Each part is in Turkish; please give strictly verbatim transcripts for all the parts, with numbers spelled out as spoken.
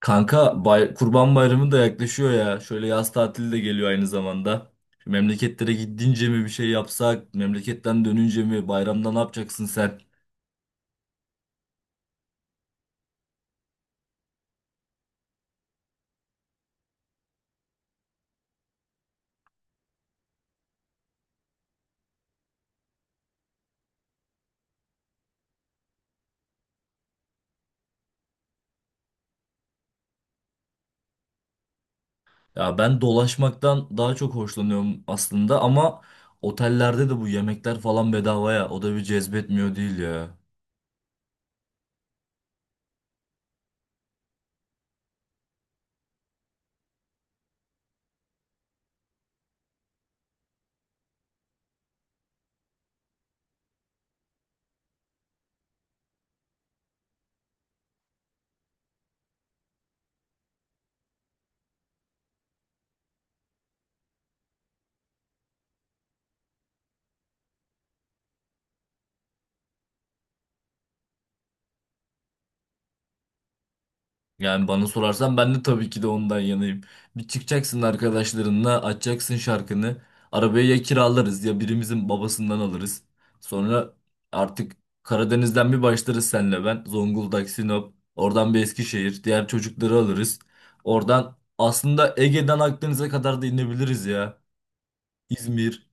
Kanka bay- Kurban Bayramı da yaklaşıyor ya. Şöyle yaz tatili de geliyor aynı zamanda. Şu Memleketlere gidince mi bir şey yapsak, memleketten dönünce mi, bayramda ne yapacaksın sen? Ya ben dolaşmaktan daha çok hoşlanıyorum aslında ama otellerde de bu yemekler falan bedava ya. O da bir cezbetmiyor değil ya. Yani bana sorarsan ben de tabii ki de ondan yanayım. Bir çıkacaksın arkadaşlarınla, açacaksın şarkını. Arabayı ya kiralarız ya birimizin babasından alırız. Sonra artık Karadeniz'den bir başlarız senle ben. Zonguldak, Sinop, oradan bir Eskişehir, diğer çocukları alırız. Oradan aslında Ege'den Akdeniz'e kadar da inebiliriz ya. İzmir.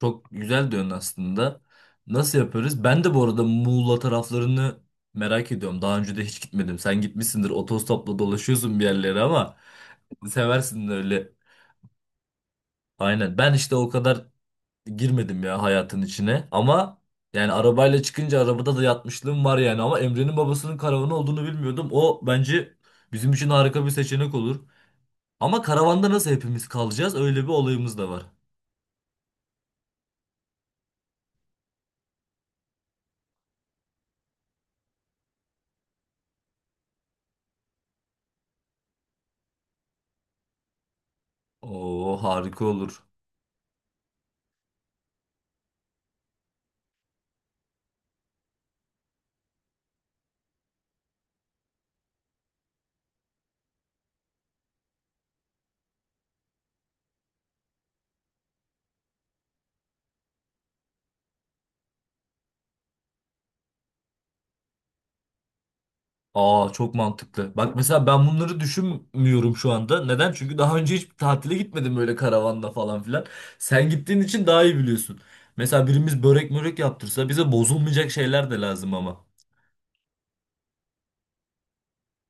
Çok güzel diyorsun aslında. Nasıl yaparız? Ben de bu arada Muğla taraflarını merak ediyorum. Daha önce de hiç gitmedim. Sen gitmişsindir, otostopla dolaşıyorsun bir yerlere ama seversin öyle. Aynen. Ben işte o kadar girmedim ya hayatın içine. Ama yani arabayla çıkınca arabada da yatmışlığım var yani. Ama Emre'nin babasının karavanı olduğunu bilmiyordum. O bence bizim için harika bir seçenek olur. Ama karavanda nasıl hepimiz kalacağız? Öyle bir olayımız da var. Oo, harika olur. Aa, çok mantıklı. Bak mesela ben bunları düşünmüyorum şu anda. Neden? Çünkü daha önce hiç tatile gitmedim böyle karavanla falan filan. Sen gittiğin için daha iyi biliyorsun. Mesela birimiz börek mörek yaptırsa bize bozulmayacak şeyler de lazım ama.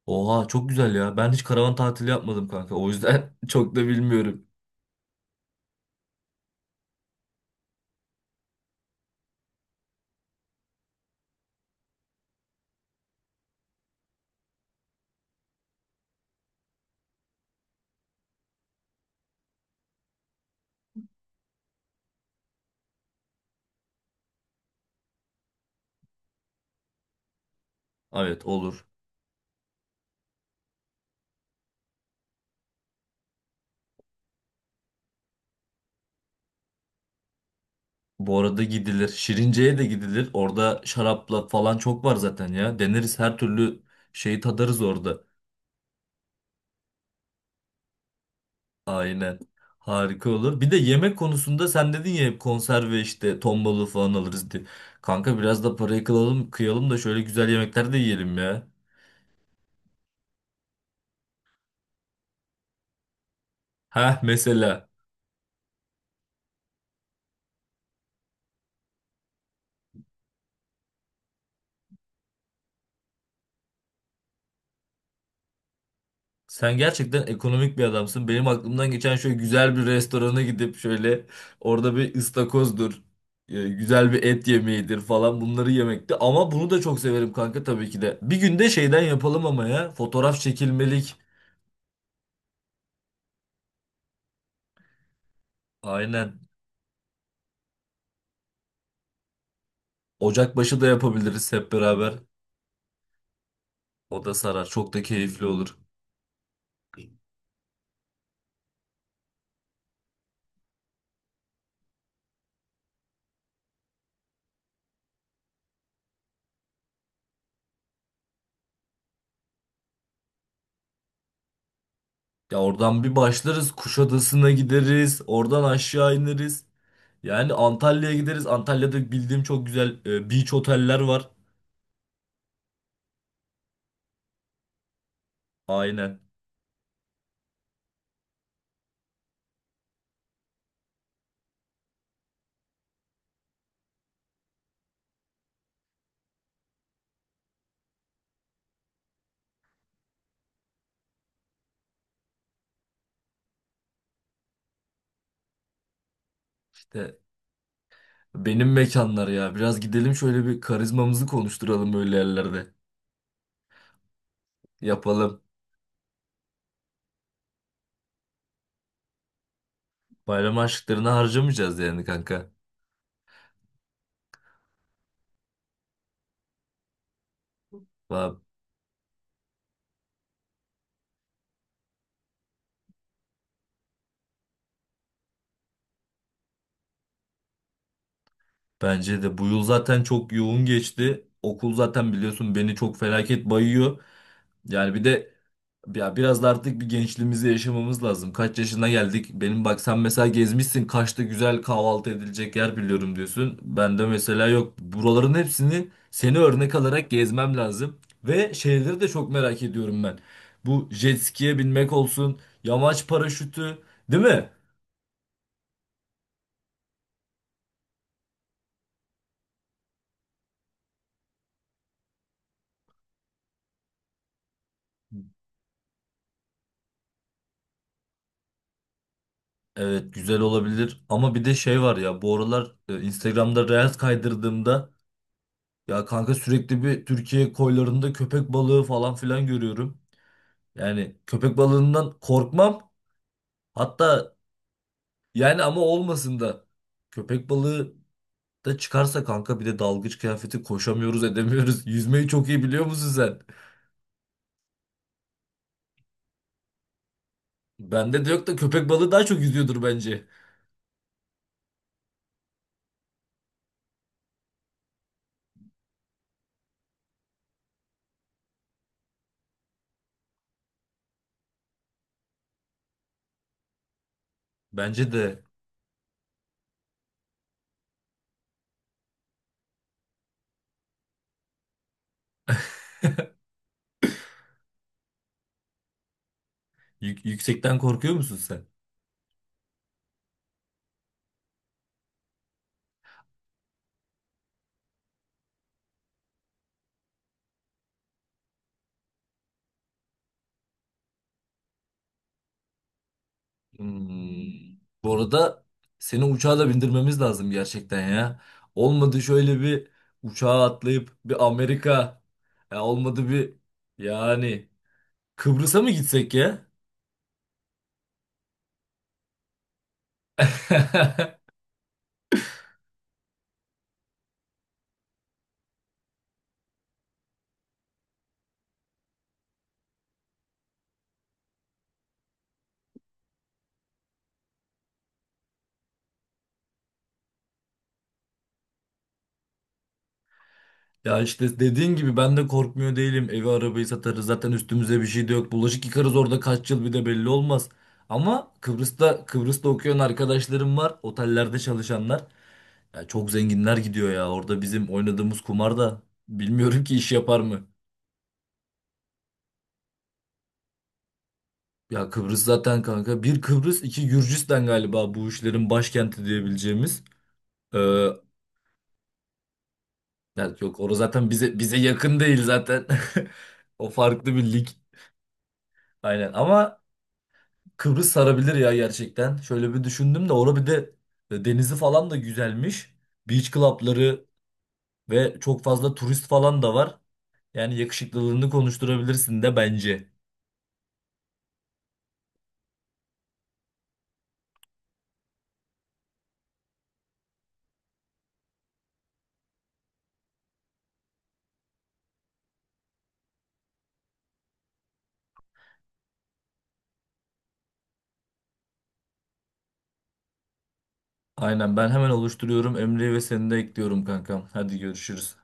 Oha, çok güzel ya. Ben hiç karavan tatili yapmadım kanka. O yüzden çok da bilmiyorum. Evet, olur. Bu arada gidilir. Şirince'ye de gidilir. Orada şarapla falan çok var zaten ya. Deneriz, her türlü şeyi tadarız orada. Aynen. Harika olur. Bir de yemek konusunda sen dedin ya hep konserve işte ton balığı falan alırız diye. Kanka biraz da parayı kılalım, kıyalım da şöyle güzel yemekler de yiyelim ya. Ha, mesela. Sen gerçekten ekonomik bir adamsın. Benim aklımdan geçen şöyle güzel bir restorana gidip şöyle orada bir ıstakozdur. e, Güzel bir et yemeğidir falan bunları yemekti. Ama bunu da çok severim kanka tabii ki de. Bir günde şeyden yapalım ama ya. Fotoğraf çekilmelik. Aynen. Ocakbaşı da yapabiliriz hep beraber. O da sarar. Çok da keyifli olur. Ya oradan bir başlarız. Kuşadası'na gideriz. Oradan aşağı ineriz. Yani Antalya'ya gideriz. Antalya'da bildiğim çok güzel e, beach oteller var. Aynen. İşte benim mekanlar ya. Biraz gidelim şöyle bir karizmamızı konuşturalım öyle yerlerde. Yapalım. Bayram harçlıklarını harcamayacağız yani kanka. Va- Bence de bu yıl zaten çok yoğun geçti. Okul zaten biliyorsun beni çok felaket bayıyor. Yani bir de ya biraz da artık bir gençliğimizi yaşamamız lazım. Kaç yaşına geldik? Benim bak sen mesela gezmişsin. Kaçta güzel kahvaltı edilecek yer biliyorum diyorsun. Ben de mesela yok. Buraların hepsini seni örnek alarak gezmem lazım. Ve şeyleri de çok merak ediyorum ben. Bu jet ski'ye binmek olsun. Yamaç paraşütü. Değil mi? Evet, güzel olabilir. Ama bir de şey var ya. Bu aralar e, Instagram'da Reels kaydırdığımda. Ya kanka sürekli bir Türkiye koylarında köpek balığı falan filan görüyorum. Yani köpek balığından korkmam. Hatta yani ama olmasın da köpek balığı da çıkarsa kanka bir de dalgıç kıyafeti koşamıyoruz, edemiyoruz. Yüzmeyi çok iyi biliyor musun sen? Bende de yok da köpek balığı daha çok yüzüyordur bence. Bence de Yük- yüksekten korkuyor musun sen? Hmm. Bu arada seni uçağa da bindirmemiz lazım gerçekten ya. Olmadı şöyle bir uçağa atlayıp bir Amerika. Ya olmadı bir yani Kıbrıs'a mı gitsek ya? Ya işte dediğin gibi ben de korkmuyor değilim. Evi arabayı satarız. Zaten üstümüze bir şey de yok. Bulaşık yıkarız orada kaç yıl bir de belli olmaz. Ama Kıbrıs'ta Kıbrıs'ta okuyan arkadaşlarım var. Otellerde çalışanlar. Ya çok zenginler gidiyor ya. Orada bizim oynadığımız kumar da bilmiyorum ki iş yapar mı? Ya Kıbrıs zaten kanka. Bir Kıbrıs, iki Gürcistan galiba bu işlerin başkenti diyebileceğimiz. Ee, ya yok, orası zaten bize bize yakın değil zaten. O farklı bir lig. Aynen ama Kıbrıs sarabilir ya gerçekten. Şöyle bir düşündüm de orada bir de e, denizi falan da güzelmiş. Beach club'ları ve çok fazla turist falan da var. Yani yakışıklılığını konuşturabilirsin de bence. Aynen, ben hemen oluşturuyorum. Emre'yi ve seni de ekliyorum kankam. Hadi görüşürüz.